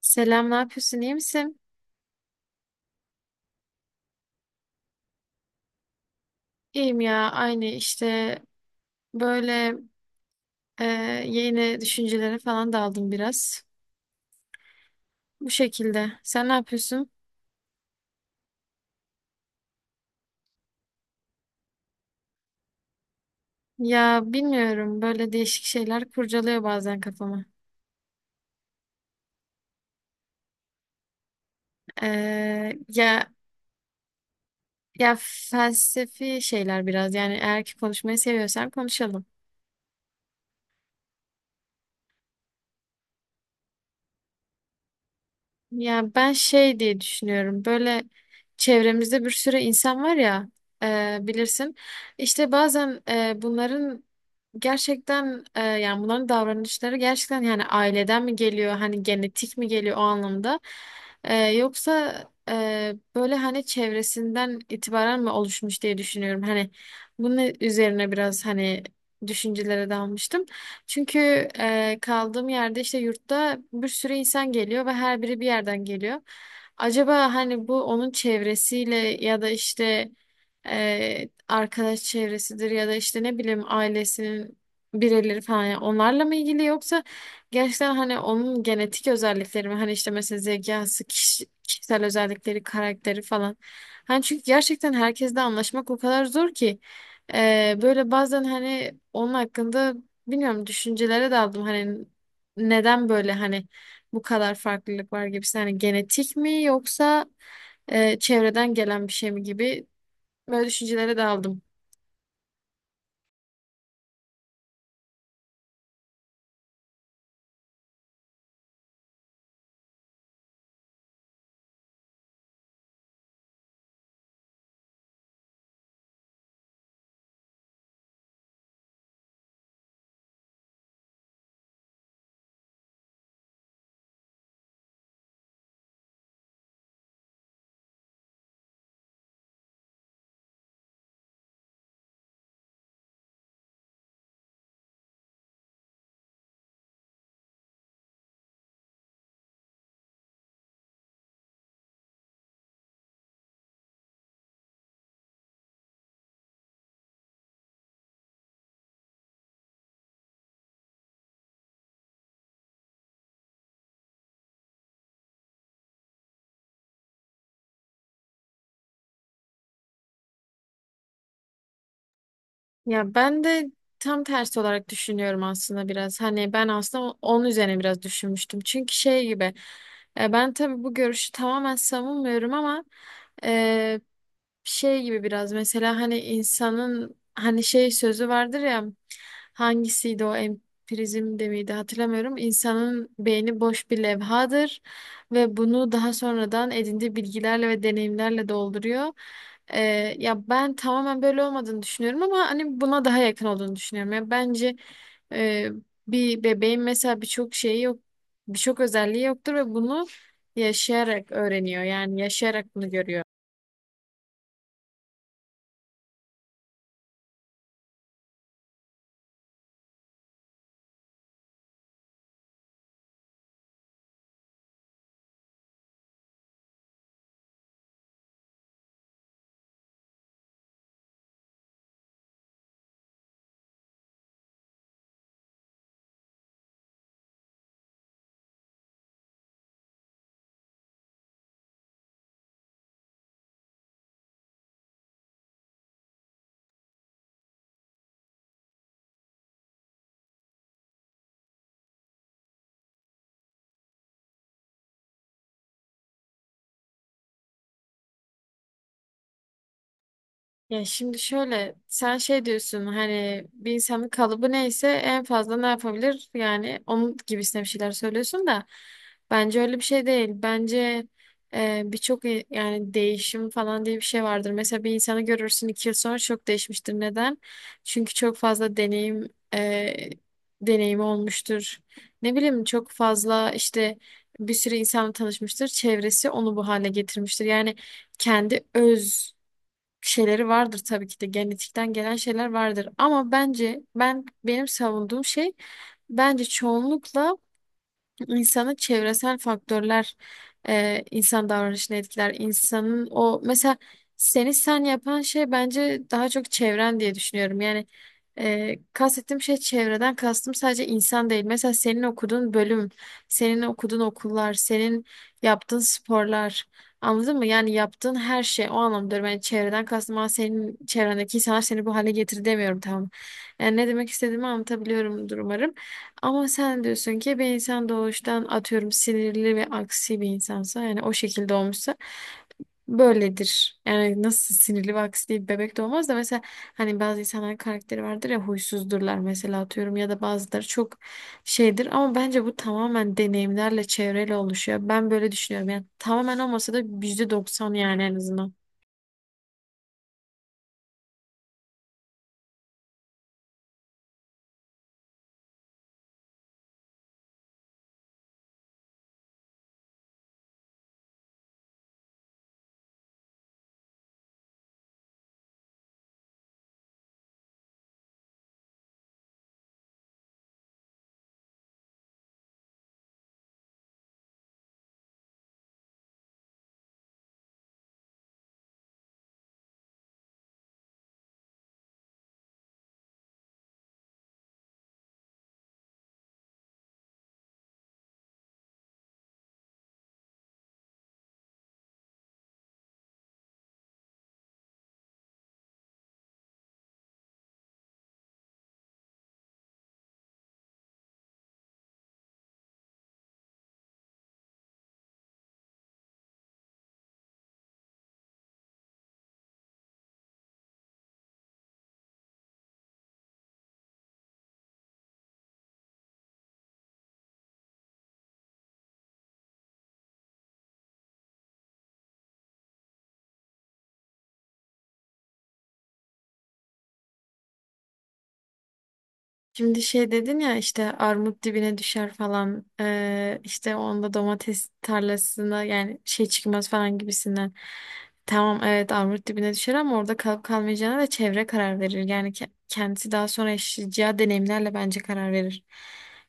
Selam, ne yapıyorsun? İyi misin? İyiyim ya, aynı işte böyle e, yeni düşüncelere falan daldım biraz. Bu şekilde. Sen ne yapıyorsun? Ya bilmiyorum, böyle değişik şeyler kurcalıyor bazen kafamı. E, ya ya felsefi şeyler biraz. Yani eğer ki konuşmayı seviyorsan konuşalım. Ya ben şey diye düşünüyorum böyle çevremizde bir sürü insan var ya bilirsin işte bazen bunların gerçekten yani bunların davranışları gerçekten yani aileden mi geliyor hani genetik mi geliyor o anlamda. Yoksa böyle hani çevresinden itibaren mi oluşmuş diye düşünüyorum hani bunun üzerine biraz hani düşüncelere dalmıştım. Çünkü kaldığım yerde işte yurtta bir sürü insan geliyor ve her biri bir yerden geliyor. Acaba hani bu onun çevresiyle ya da işte arkadaş çevresidir ya da işte ne bileyim ailesinin bireyleri falan yani onlarla mı ilgili yoksa gerçekten hani onun genetik özellikleri mi hani işte mesela zekası, kişisel özellikleri, karakteri falan. Hani çünkü gerçekten herkesle anlaşmak o kadar zor ki. Böyle bazen hani onun hakkında bilmiyorum düşüncelere daldım hani neden böyle hani bu kadar farklılık var gibisi hani genetik mi yoksa çevreden gelen bir şey mi gibi böyle düşüncelere daldım. Ya ben de tam tersi olarak düşünüyorum aslında biraz. Hani ben aslında onun üzerine biraz düşünmüştüm. Çünkü şey gibi ben tabii bu görüşü tamamen savunmuyorum ama e, şey gibi biraz mesela hani insanın hani şey sözü vardır ya hangisiydi o empirizm de miydi hatırlamıyorum. İnsanın beyni boş bir levhadır ve bunu daha sonradan edindiği bilgilerle ve deneyimlerle dolduruyor. Ee, Ya ben tamamen böyle olmadığını düşünüyorum ama hani buna daha yakın olduğunu düşünüyorum. Ya bence e, bir bebeğin mesela birçok şeyi yok, birçok özelliği yoktur ve bunu yaşayarak öğreniyor. Yani yaşayarak bunu görüyor. Ya şimdi şöyle sen şey diyorsun hani bir insanın kalıbı neyse en fazla ne yapabilir yani onun gibisine bir şeyler söylüyorsun da bence öyle bir şey değil. Bence birçok yani değişim falan diye bir şey vardır. Mesela bir insanı görürsün 2 yıl sonra çok değişmiştir. Neden? Çünkü çok fazla e, deneyimi olmuştur. Ne bileyim çok fazla işte bir sürü insanla tanışmıştır. Çevresi onu bu hale getirmiştir. Yani kendi öz şeyleri vardır tabii ki de genetikten gelen şeyler vardır. Ama bence ben benim savunduğum şey bence çoğunlukla İnsanı çevresel faktörler insan davranışını etkiler. İnsanın o mesela seni sen yapan şey bence daha çok çevren diye düşünüyorum. Yani kastettiğim şey çevreden kastım sadece insan değil. Mesela senin okuduğun bölüm, senin okuduğun okullar, senin yaptığın sporlar. Anladın mı? Yani yaptığın her şey o anlamda ben çevreden kastım ama senin çevrendeki insanlar seni bu hale getirdi demiyorum, tamam. Yani ne demek istediğimi anlatabiliyorumdur umarım. Ama sen diyorsun ki bir insan doğuştan atıyorum sinirli ve aksi bir insansa yani o şekilde olmuşsa böyledir. Yani nasıl sinirli ve aksi bir bebek doğmaz da mesela hani bazı insanların karakteri vardır ya, huysuzdurlar mesela atıyorum, ya da bazıları çok şeydir ama bence bu tamamen deneyimlerle, çevreyle oluşuyor. Ben böyle düşünüyorum yani tamamen olmasa da %90, yani en azından. Şimdi şey dedin ya, işte armut dibine düşer falan, işte onda domates tarlasına yani şey çıkmaz falan gibisinden. Tamam, evet, armut dibine düşer ama orada kalıp kalmayacağına da çevre karar verir. Yani kendisi daha sonra yaşayacağı deneyimlerle bence karar verir.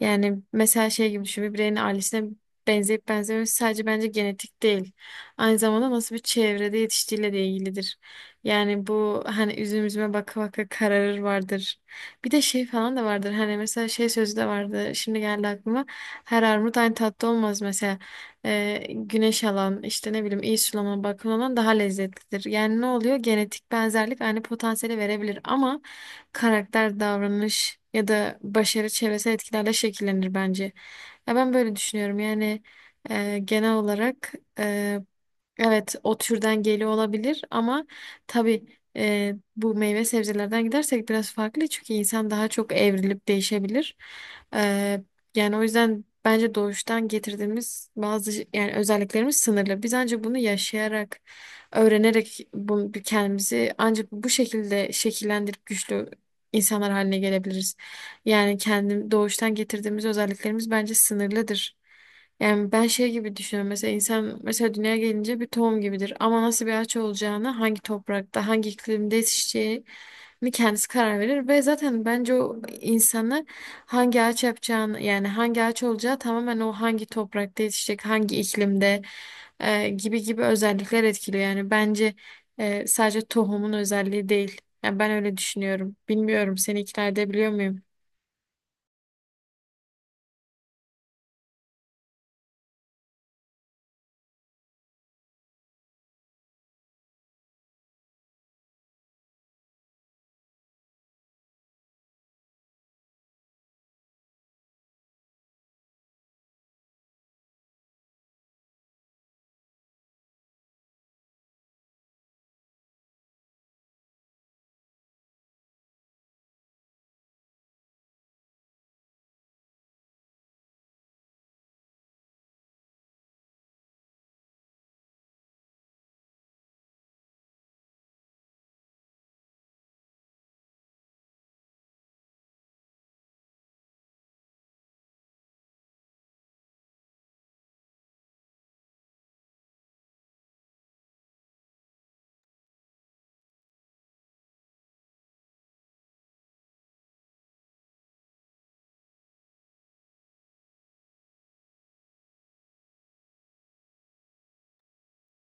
Yani mesela şey gibi düşün, bir bireyin ailesine benzeyip benzememesi sadece bence genetik değil. Aynı zamanda nasıl bir çevrede yetiştiğiyle de ilgilidir. Yani bu hani üzüm üzüme baka baka kararır vardır. Bir de şey falan da vardır. Hani mesela şey sözü de vardı. Şimdi geldi aklıma. Her armut aynı tatlı olmaz mesela. Güneş alan, işte ne bileyim iyi sulama, bakım alan daha lezzetlidir. Yani ne oluyor? Genetik benzerlik aynı potansiyeli verebilir ama karakter, davranış ya da başarı çevresel etkilerle şekillenir bence. Ya ben böyle düşünüyorum. Yani genel olarak e, evet, o türden geliyor olabilir ama tabii bu meyve sebzelerden gidersek biraz farklı, çünkü insan daha çok evrilip değişebilir. Ee, Yani o yüzden bence doğuştan getirdiğimiz bazı yani özelliklerimiz sınırlı. Biz ancak bunu yaşayarak, öğrenerek bunu, kendimizi ancak bu şekilde şekillendirip güçlü insanlar haline gelebiliriz. Yani kendim doğuştan getirdiğimiz özelliklerimiz bence sınırlıdır. Yani ben şey gibi düşünüyorum. Mesela insan mesela dünyaya gelince bir tohum gibidir. Ama nasıl bir ağaç olacağını, hangi toprakta, hangi iklimde yetişeceğini kendisi karar verir. Ve zaten bence o insanı hangi ağaç yapacağını, yani hangi ağaç olacağı tamamen o hangi toprakta yetişecek, hangi iklimde gibi gibi özellikler etkiliyor. Yani bence sadece tohumun özelliği değil. Yani ben öyle düşünüyorum. Bilmiyorum, seni ikna edebiliyor muyum?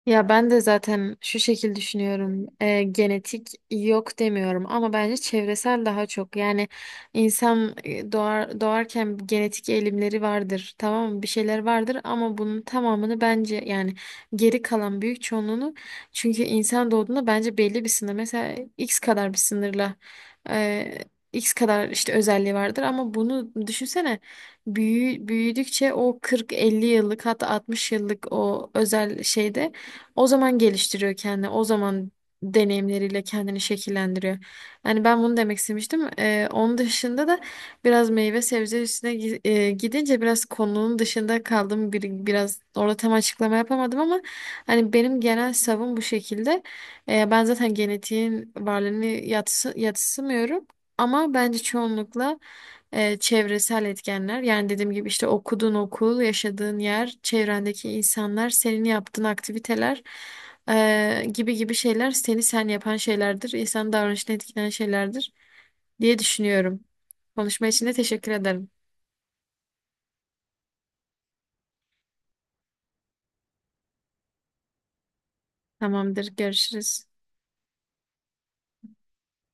Ya ben de zaten şu şekil düşünüyorum. Genetik yok demiyorum ama bence çevresel daha çok. Yani insan doğar, doğarken genetik eğilimleri vardır. Tamam mı? Bir şeyler vardır ama bunun tamamını bence yani geri kalan büyük çoğunluğunu, çünkü insan doğduğunda bence belli bir sınır. Mesela X kadar bir sınırla e, X kadar işte özelliği vardır ama bunu düşünsene büyüdükçe o 40-50 yıllık hatta 60 yıllık o özel şeyde o zaman geliştiriyor kendini. O zaman deneyimleriyle kendini şekillendiriyor. Yani ben bunu demek istemiştim. Onun dışında da biraz meyve sebze üstüne gidince biraz konunun dışında kaldım. Biraz orada tam açıklama yapamadım ama hani benim genel savım bu şekilde. Ben zaten genetiğin varlığını yatsımıyorum. Ama bence çoğunlukla çevresel etkenler. Yani dediğim gibi işte okuduğun okul, yaşadığın yer, çevrendeki insanlar, senin yaptığın aktiviteler gibi gibi şeyler seni sen yapan şeylerdir. İnsan davranışını etkileyen şeylerdir diye düşünüyorum. Konuşma için de teşekkür ederim. Tamamdır, görüşürüz.